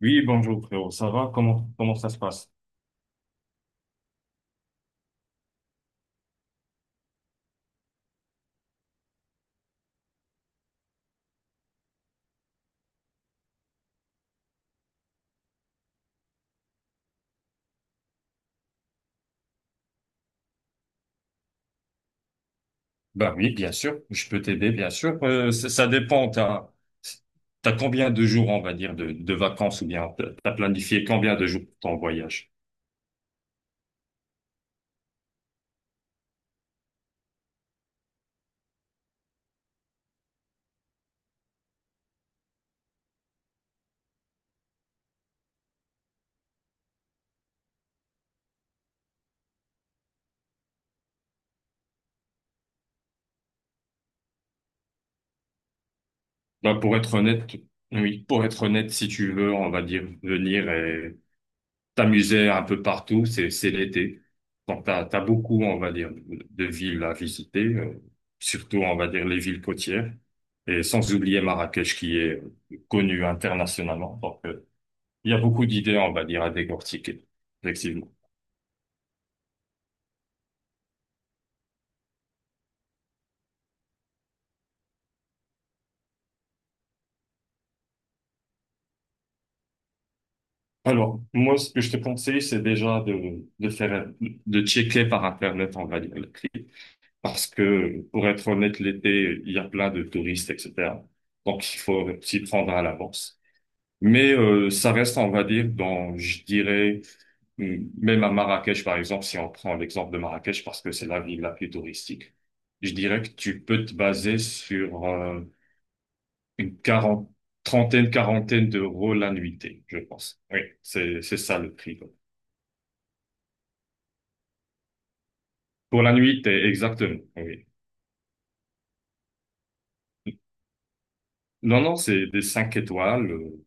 Oui, bonjour frérot, ça va? Comment ça se passe? Ben oui, bien sûr, je peux t'aider, bien sûr. Ça dépend, t'as combien de jours, on va dire, de vacances ou bien t'as planifié combien de jours pour ton voyage? Bah, pour être honnête, oui, si tu veux, on va dire venir et t'amuser un peu partout, c'est l'été. Donc, t'as beaucoup, on va dire, de villes à visiter, surtout, on va dire, les villes côtières. Et sans oublier Marrakech qui est connue internationalement. Il y a beaucoup d'idées, on va dire, à décortiquer, effectivement. Alors, moi, ce que je te conseille, c'est déjà de checker par Internet, on va dire, le prix. Parce que, pour être honnête, l'été, il y a plein de touristes, etc. Donc, il faut s'y prendre à l'avance. Mais ça reste, on va dire, dans, je dirais, même à Marrakech, par exemple, si on prend l'exemple de Marrakech, parce que c'est la ville la plus touristique, je dirais que tu peux te baser sur une quarante, trentaine, quarantaine d'euros la nuitée, je pense. Oui, c'est ça le prix. Pour la nuitée, exactement. Oui. Non, non, c'est des cinq étoiles,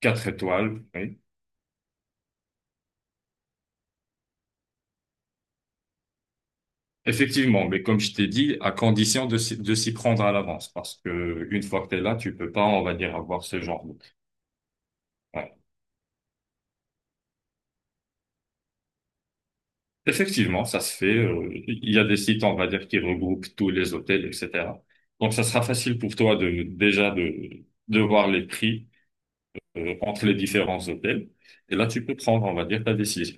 quatre étoiles. Oui. Effectivement, mais comme je t'ai dit, à condition de s'y prendre à l'avance, parce que une fois que t'es là, tu peux pas, on va dire, avoir ce genre de. Ouais. Effectivement, ça se fait. Il y a des sites, on va dire, qui regroupent tous les hôtels, etc. Donc, ça sera facile pour toi de déjà de voir les prix entre les différents hôtels. Et là, tu peux prendre, on va dire, ta décision.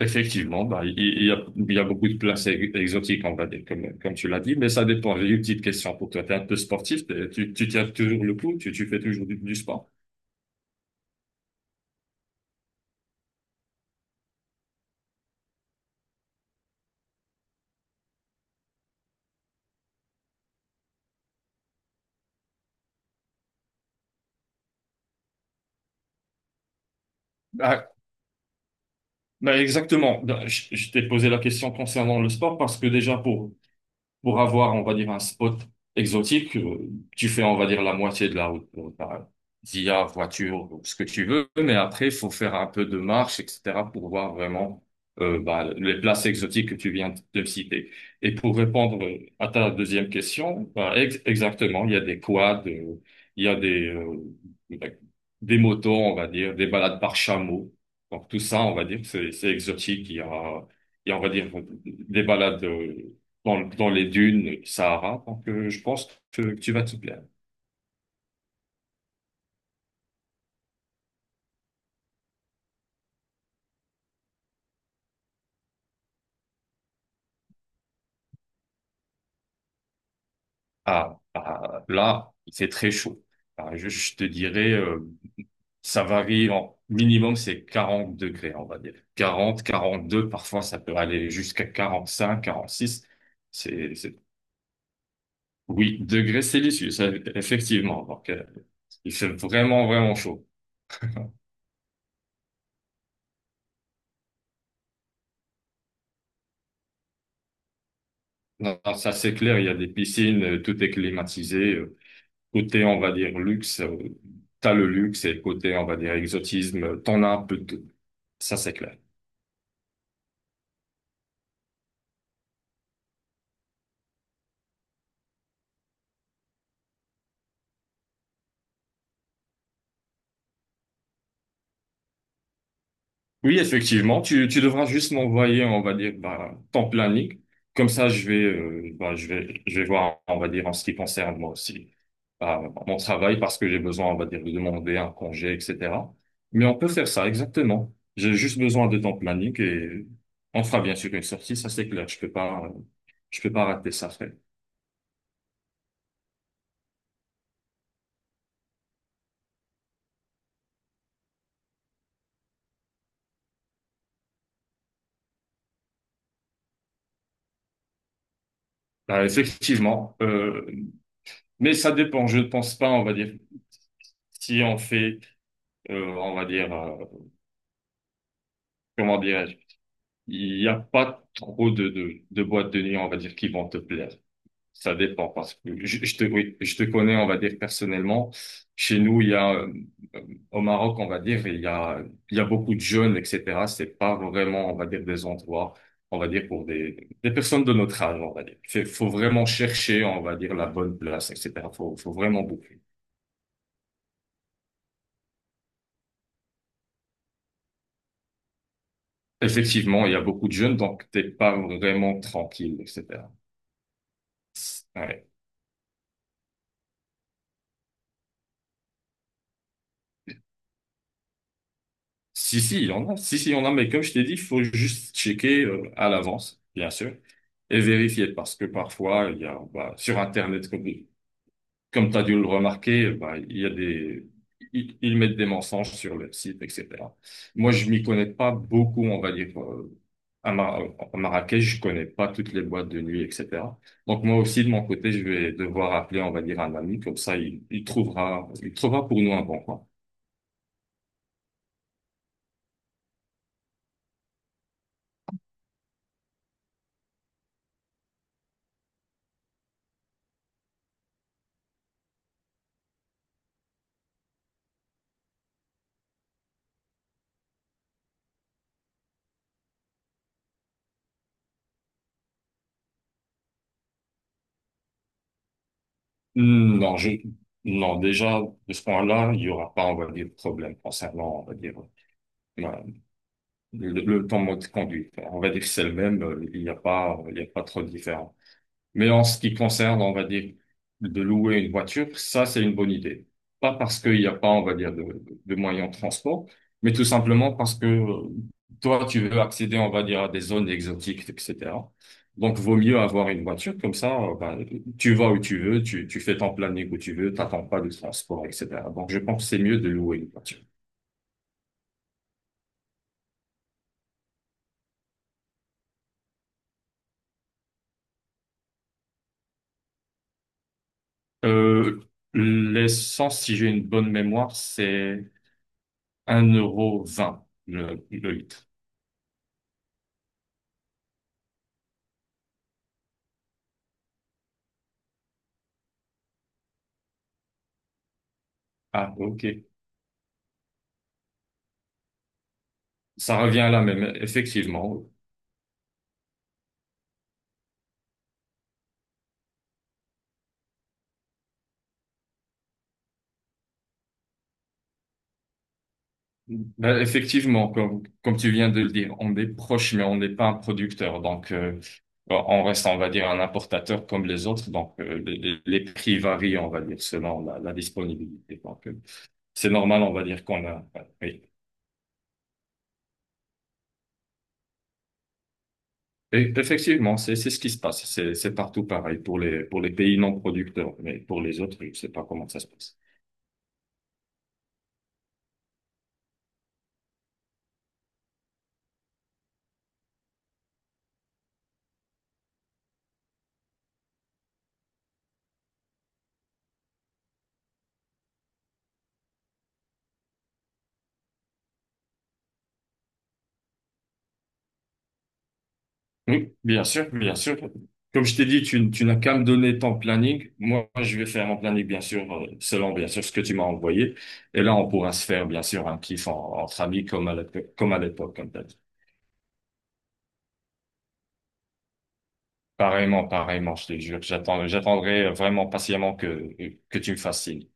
Effectivement, bah, il y a beaucoup de places exotiques, on va dire, comme tu l'as dit, mais ça dépend. J'ai une petite question pour toi. Tu es un peu sportif, tu tiens toujours le coup, tu fais toujours du sport. Bah, bah, exactement. Bah, je t'ai posé la question concernant le sport parce que déjà pour avoir, on va dire, un spot exotique, tu fais, on va dire, la moitié de la route par via voiture, ou ce que tu veux, mais après, il faut faire un peu de marche, etc., pour voir vraiment bah, les places exotiques que tu viens de me citer. Et pour répondre à ta deuxième question, bah, exactement, il y a des quads, il y a des motos, on va dire, des balades par chameau. Donc tout ça, on va dire, c'est exotique. Il y a, on va dire, des balades, dans les dunes Sahara. Donc, je pense que tu vas t'y plaire. Ah, ah, là, c'est très chaud. Ah, je te dirais, ça varie en minimum, c'est 40 degrés, on va dire, 40, 42, parfois ça peut aller jusqu'à 45, 46. C'est, c'est... Oui, degrés Celsius, effectivement. Donc, il fait vraiment, vraiment chaud. Non, non, ça c'est clair, il y a des piscines, tout est climatisé. Côté, on va dire, luxe, t'as le luxe et côté, on va dire, exotisme, t'en as un peu de tout. Ça, c'est clair. Oui, effectivement, tu devras juste m'envoyer, on va dire, bah, ton planning. Comme ça, bah, je vais voir, on va dire, en ce qui concerne moi aussi, bah, mon travail, parce que j'ai besoin, on va dire, de demander un congé, etc. Mais on peut faire ça, exactement. J'ai juste besoin de ton planning et on fera bien sûr une sortie, ça, c'est clair. Je peux pas rater ça, frère. Bah, effectivement, mais ça dépend, je ne pense pas, on va dire, si on fait, on va dire, comment dirais-je, il n'y a pas trop de boîtes de nuit, on va dire, qui vont te plaire. Ça dépend, parce que oui, je te connais, on va dire, personnellement. Chez nous, au Maroc, on va dire, il y a beaucoup de jeunes, etc. C'est pas vraiment, on va dire, des endroits, on va dire, pour des personnes de notre âge, on va dire. Faut vraiment chercher, on va dire, la bonne place, etc. Faut vraiment beaucoup. Effectivement, il y a beaucoup de jeunes, donc t'es pas vraiment tranquille, etc. Ouais. Si, si, il y en a. Si, si, il y en a, mais comme je t'ai dit, il faut juste checker à l'avance, bien sûr, et vérifier, parce que parfois, il y a bah, sur Internet, comme tu as dû le remarquer, bah, il y a des, ils mettent des mensonges sur le site, etc. Moi, je m'y connais pas beaucoup, on va dire, à, Mar- à Marrakech, je connais pas toutes les boîtes de nuit, etc. Donc, moi aussi, de mon côté, je vais devoir appeler, on va dire, un ami, comme ça, il trouvera pour nous un bon coin. Non, non, déjà, de ce point-là, il y aura pas, on va dire, de problème concernant, on va dire, euh, le temps de conduite. On va dire que c'est le même, il n'y a pas trop de différence. Mais en ce qui concerne, on va dire, de louer une voiture, ça, c'est une bonne idée. Pas parce qu'il n'y a pas, on va dire, de moyens de transport, mais tout simplement parce que toi, tu veux accéder, on va dire, à des zones exotiques, etc. Donc, vaut mieux avoir une voiture, comme ça, ben, tu vas où tu veux, tu fais ton planning où tu veux, t'attends pas de transport, etc. Donc, je pense que c'est mieux de louer une voiture. Euh, L'essence, si j'ai une bonne mémoire, c'est 1,20 € le litre. Ah, ok. Ça revient à la même, effectivement. Ben, effectivement, comme tu viens de le dire, on est proche, mais on n'est pas un producteur. Donc, on reste, on va dire, un importateur comme les autres. Donc, les prix varient, on va dire, selon la disponibilité. Donc, c'est normal, on va dire qu'on a. Oui. Et effectivement, c'est ce qui se passe. C'est partout pareil pour les pays non producteurs, mais pour les autres, je ne sais pas comment ça se passe. Oui, bien sûr, bien sûr. Comme je t'ai dit, tu n'as qu'à me donner ton planning. Moi, je vais faire mon planning, bien sûr, selon, bien sûr, ce que tu m'as envoyé. Et là, on pourra se faire, bien sûr, un kiff entre amis comme à l'époque, comme à l'époque, comme t'as dit. Pareillement, pareillement, je te jure. J'attendrai vraiment patiemment que tu me fasses signe.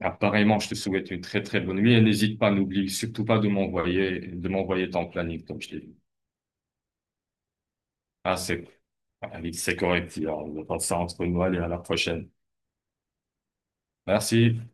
Apparemment, je te souhaite une très, très bonne nuit et n'hésite pas, n'oublie surtout pas de m'envoyer, ton planning, comme je t'ai dit. Ah, ah oui, c'est correct. On va ça entre nous. Allez, à la prochaine. Merci.